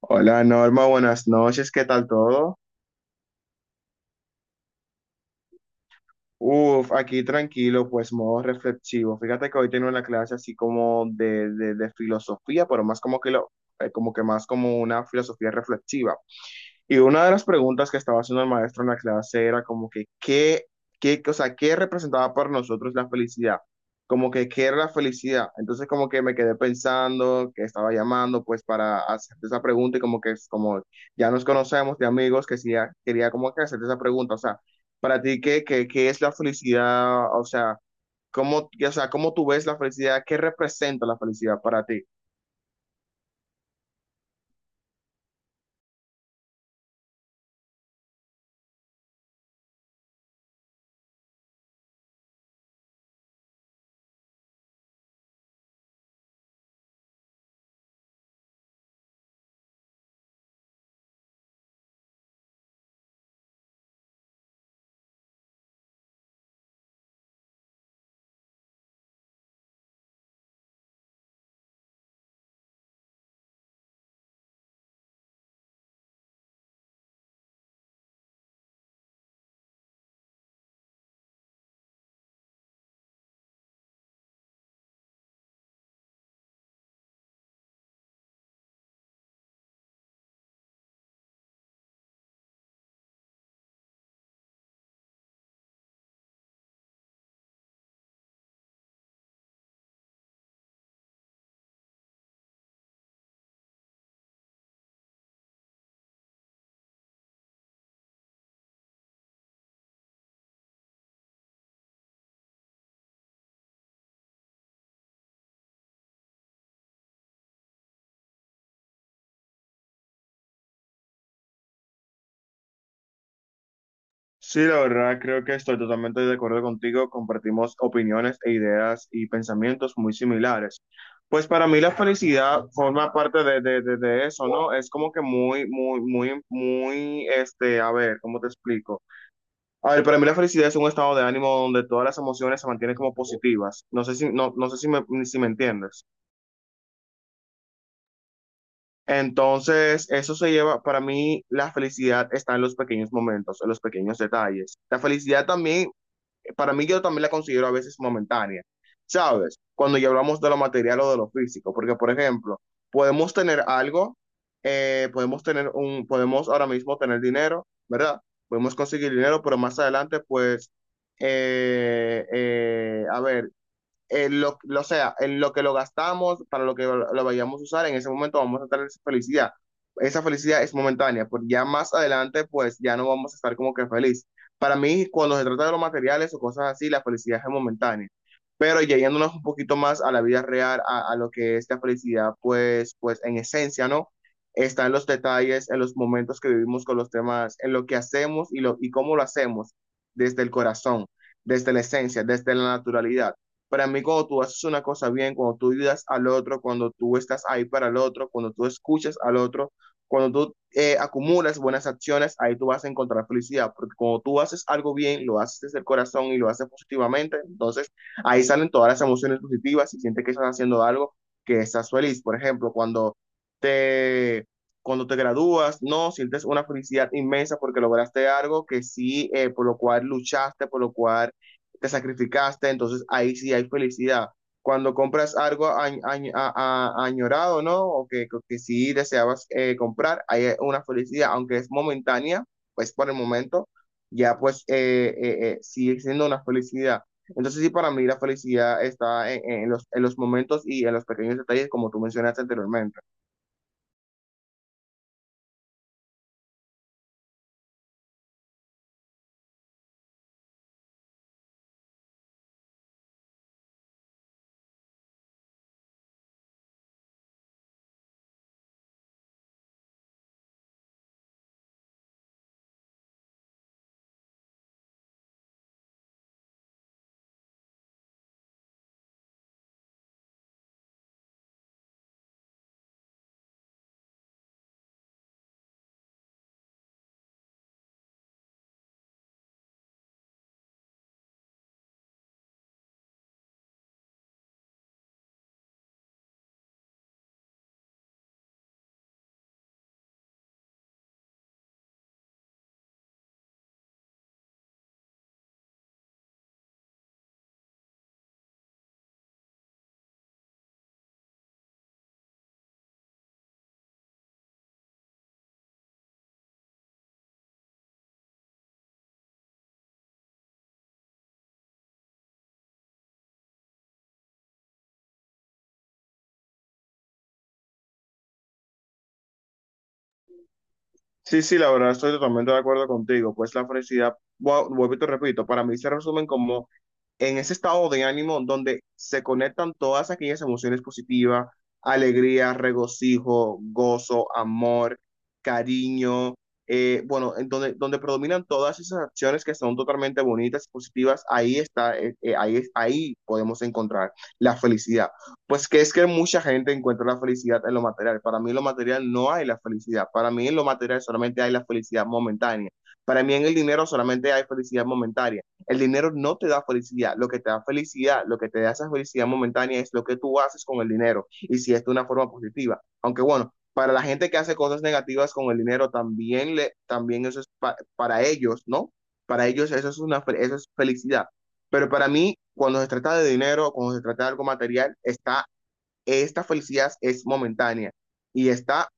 Hola Norma, buenas noches, ¿qué tal todo? Uf, aquí tranquilo, pues modo reflexivo. Fíjate que hoy tengo una clase así como de filosofía, pero más como que como que más como una filosofía reflexiva. Y una de las preguntas que estaba haciendo el maestro en la clase era como que, ¿ o sea, ¿qué representaba para nosotros la felicidad? Como que, ¿qué era la felicidad? Entonces como que me quedé pensando que estaba llamando pues para hacerte esa pregunta y como que es como ya nos conocemos de amigos que sí, ya quería como que hacerte esa pregunta. O sea, para ti, ¿ qué es la felicidad? O sea, o sea, ¿cómo tú ves la felicidad? ¿Qué representa la felicidad para ti? Sí, la verdad, creo que estoy totalmente de acuerdo contigo. Compartimos opiniones e ideas y pensamientos muy similares. Pues para mí la felicidad forma parte de eso, ¿no? Es como que muy, a ver, ¿cómo te explico? A ver, para mí la felicidad es un estado de ánimo donde todas las emociones se mantienen como positivas. No sé si, no sé si si me entiendes. Entonces, eso se lleva, para mí, la felicidad está en los pequeños momentos, en los pequeños detalles. La felicidad también para mí yo también la considero a veces momentánea, ¿sabes? Cuando ya hablamos de lo material o de lo físico, porque por ejemplo, podemos tener algo, podemos tener un, podemos ahora mismo tener dinero, ¿verdad? Podemos conseguir dinero, pero más adelante, pues, a ver, en en lo que lo gastamos, para lo que lo vayamos a usar, en ese momento vamos a tener esa felicidad. Esa felicidad es momentánea, porque ya más adelante, pues ya no vamos a estar como que feliz. Para mí, cuando se trata de los materiales o cosas así, la felicidad es momentánea. Pero ya yéndonos un poquito más a la vida real, a lo que es la felicidad, pues, pues en esencia, ¿no? Está en los detalles, en los momentos que vivimos con los demás, en lo que hacemos y cómo lo hacemos, desde el corazón, desde la esencia, desde la naturalidad. Para mí, cuando tú haces una cosa bien, cuando tú ayudas al otro, cuando tú estás ahí para el otro, cuando tú escuchas al otro, cuando tú acumulas buenas acciones, ahí tú vas a encontrar felicidad, porque cuando tú haces algo bien, lo haces desde el corazón y lo haces positivamente, entonces ahí salen todas las emociones positivas y sientes que estás haciendo algo, que estás feliz. Por ejemplo, cuando te, cuando te gradúas, no, sientes una felicidad inmensa porque lograste algo que sí, por lo cual luchaste, por lo cual te sacrificaste, entonces ahí sí hay felicidad. Cuando compras algo añorado, ¿no? O que sí deseabas comprar, hay una felicidad, aunque es momentánea, pues por el momento, ya pues sigue siendo una felicidad. Entonces sí, para mí la felicidad está en los momentos y en los pequeños detalles, como tú mencionaste anteriormente. Sí, sí, la verdad, estoy totalmente de acuerdo contigo. Pues la felicidad, vuelvo y te repito, para mí se resumen como en ese estado de ánimo donde se conectan todas aquellas emociones positivas, alegría, regocijo, gozo, amor, cariño, bueno, donde predominan todas esas acciones que son totalmente bonitas y positivas, ahí está, ahí podemos encontrar la felicidad. Pues que es que mucha gente encuentra la felicidad en lo material. Para mí en lo material no hay la felicidad. Para mí en lo material solamente hay la felicidad momentánea. Para mí en el dinero solamente hay felicidad momentánea. El dinero no te da felicidad. Lo que te da felicidad, lo que te da esa felicidad momentánea es lo que tú haces con el dinero y si es de una forma positiva. Aunque bueno, para la gente que hace cosas negativas con el dinero, también, también eso es pa para ellos, ¿no? Para ellos eso es, eso es felicidad. Pero para mí, cuando se trata de dinero, cuando se trata de algo material, esta felicidad es momentánea y está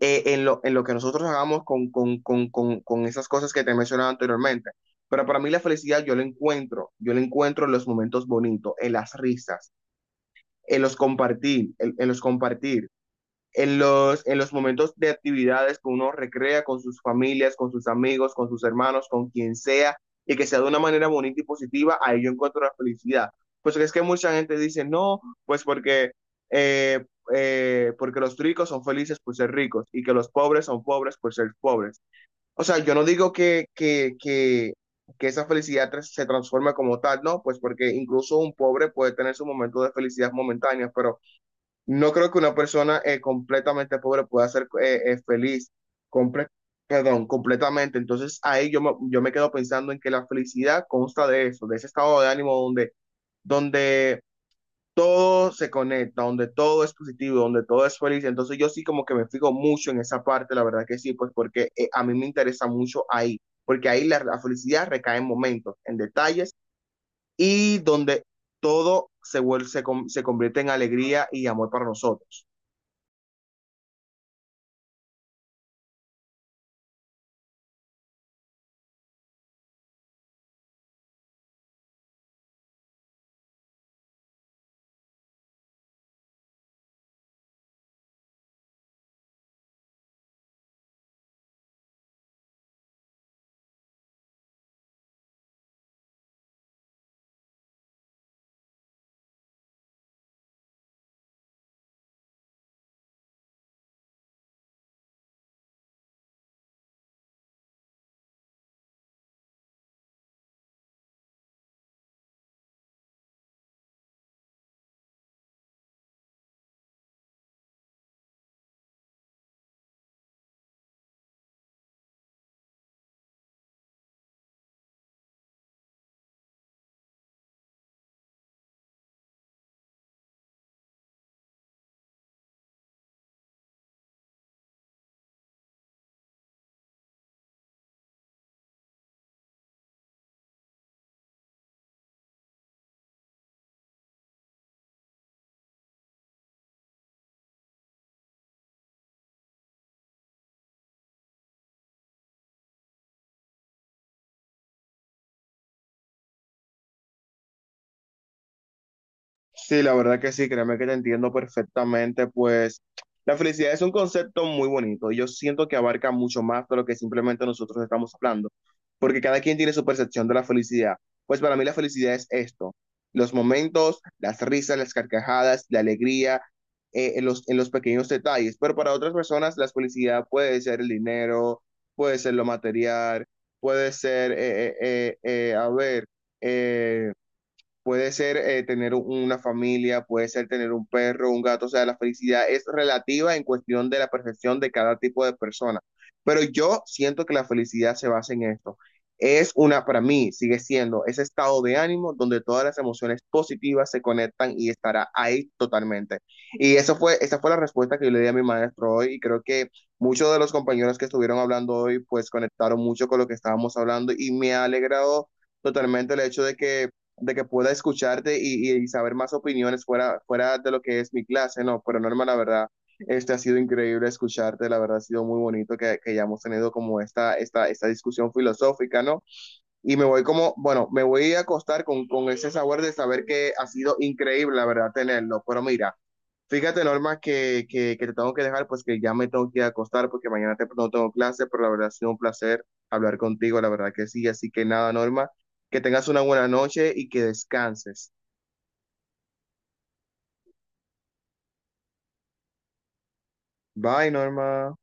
en en lo que nosotros hagamos con esas cosas que te mencionaba anteriormente. Pero para mí la felicidad yo la encuentro en los momentos bonitos, en las risas, en los compartir, en los compartir en en los momentos de actividades que uno recrea con sus familias, con sus amigos, con sus hermanos, con quien sea, y que sea de una manera bonita y positiva, ahí yo encuentro la felicidad. Pues es que mucha gente dice, no, pues porque, eh, porque los ricos son felices por ser ricos y que los pobres son pobres por ser pobres. O sea, yo no digo que esa felicidad se transforme como tal, no, pues porque incluso un pobre puede tener su momento de felicidad momentánea, pero no creo que una persona completamente pobre pueda ser feliz, comple- perdón, completamente. Entonces ahí yo me quedo pensando en que la felicidad consta de eso, de ese estado de ánimo donde todo se conecta, donde todo es positivo, donde todo es feliz. Entonces yo sí como que me fijo mucho en esa parte, la verdad que sí, pues porque a mí me interesa mucho ahí, porque ahí la felicidad recae en momentos, en detalles y donde todo se, vuel- se, com- se convierte en alegría y amor para nosotros. Sí, la verdad que sí, créeme que te entiendo perfectamente, pues la felicidad es un concepto muy bonito y yo siento que abarca mucho más de lo que simplemente nosotros estamos hablando, porque cada quien tiene su percepción de la felicidad. Pues para mí la felicidad es esto, los momentos, las risas, las carcajadas, la alegría, en en los pequeños detalles, pero para otras personas la felicidad puede ser el dinero, puede ser lo material, puede ser, a ver, eh, puede ser tener una familia, puede ser tener un perro, un gato, o sea, la felicidad es relativa en cuestión de la percepción de cada tipo de persona. Pero yo siento que la felicidad se basa en esto. Es una, para mí, sigue siendo ese estado de ánimo donde todas las emociones positivas se conectan y estará ahí totalmente. Y esa fue la respuesta que yo le di a mi maestro hoy y creo que muchos de los compañeros que estuvieron hablando hoy pues conectaron mucho con lo que estábamos hablando y me ha alegrado totalmente el hecho de que pueda escucharte y saber más opiniones fuera de lo que es mi clase, no, pero Norma, la verdad, este ha sido increíble escucharte, la verdad ha sido muy bonito que hayamos tenido como esta discusión filosófica, ¿no? Y me voy como, bueno, me voy a acostar con ese sabor de saber que ha sido increíble, la verdad, tenerlo, pero mira, fíjate, Norma, que te tengo que dejar, pues que ya me tengo que ir a acostar porque mañana no tengo clase, pero la verdad ha sido un placer hablar contigo, la verdad que sí. Así que nada, Norma, que tengas una buena noche y que descanses. Bye, Norma.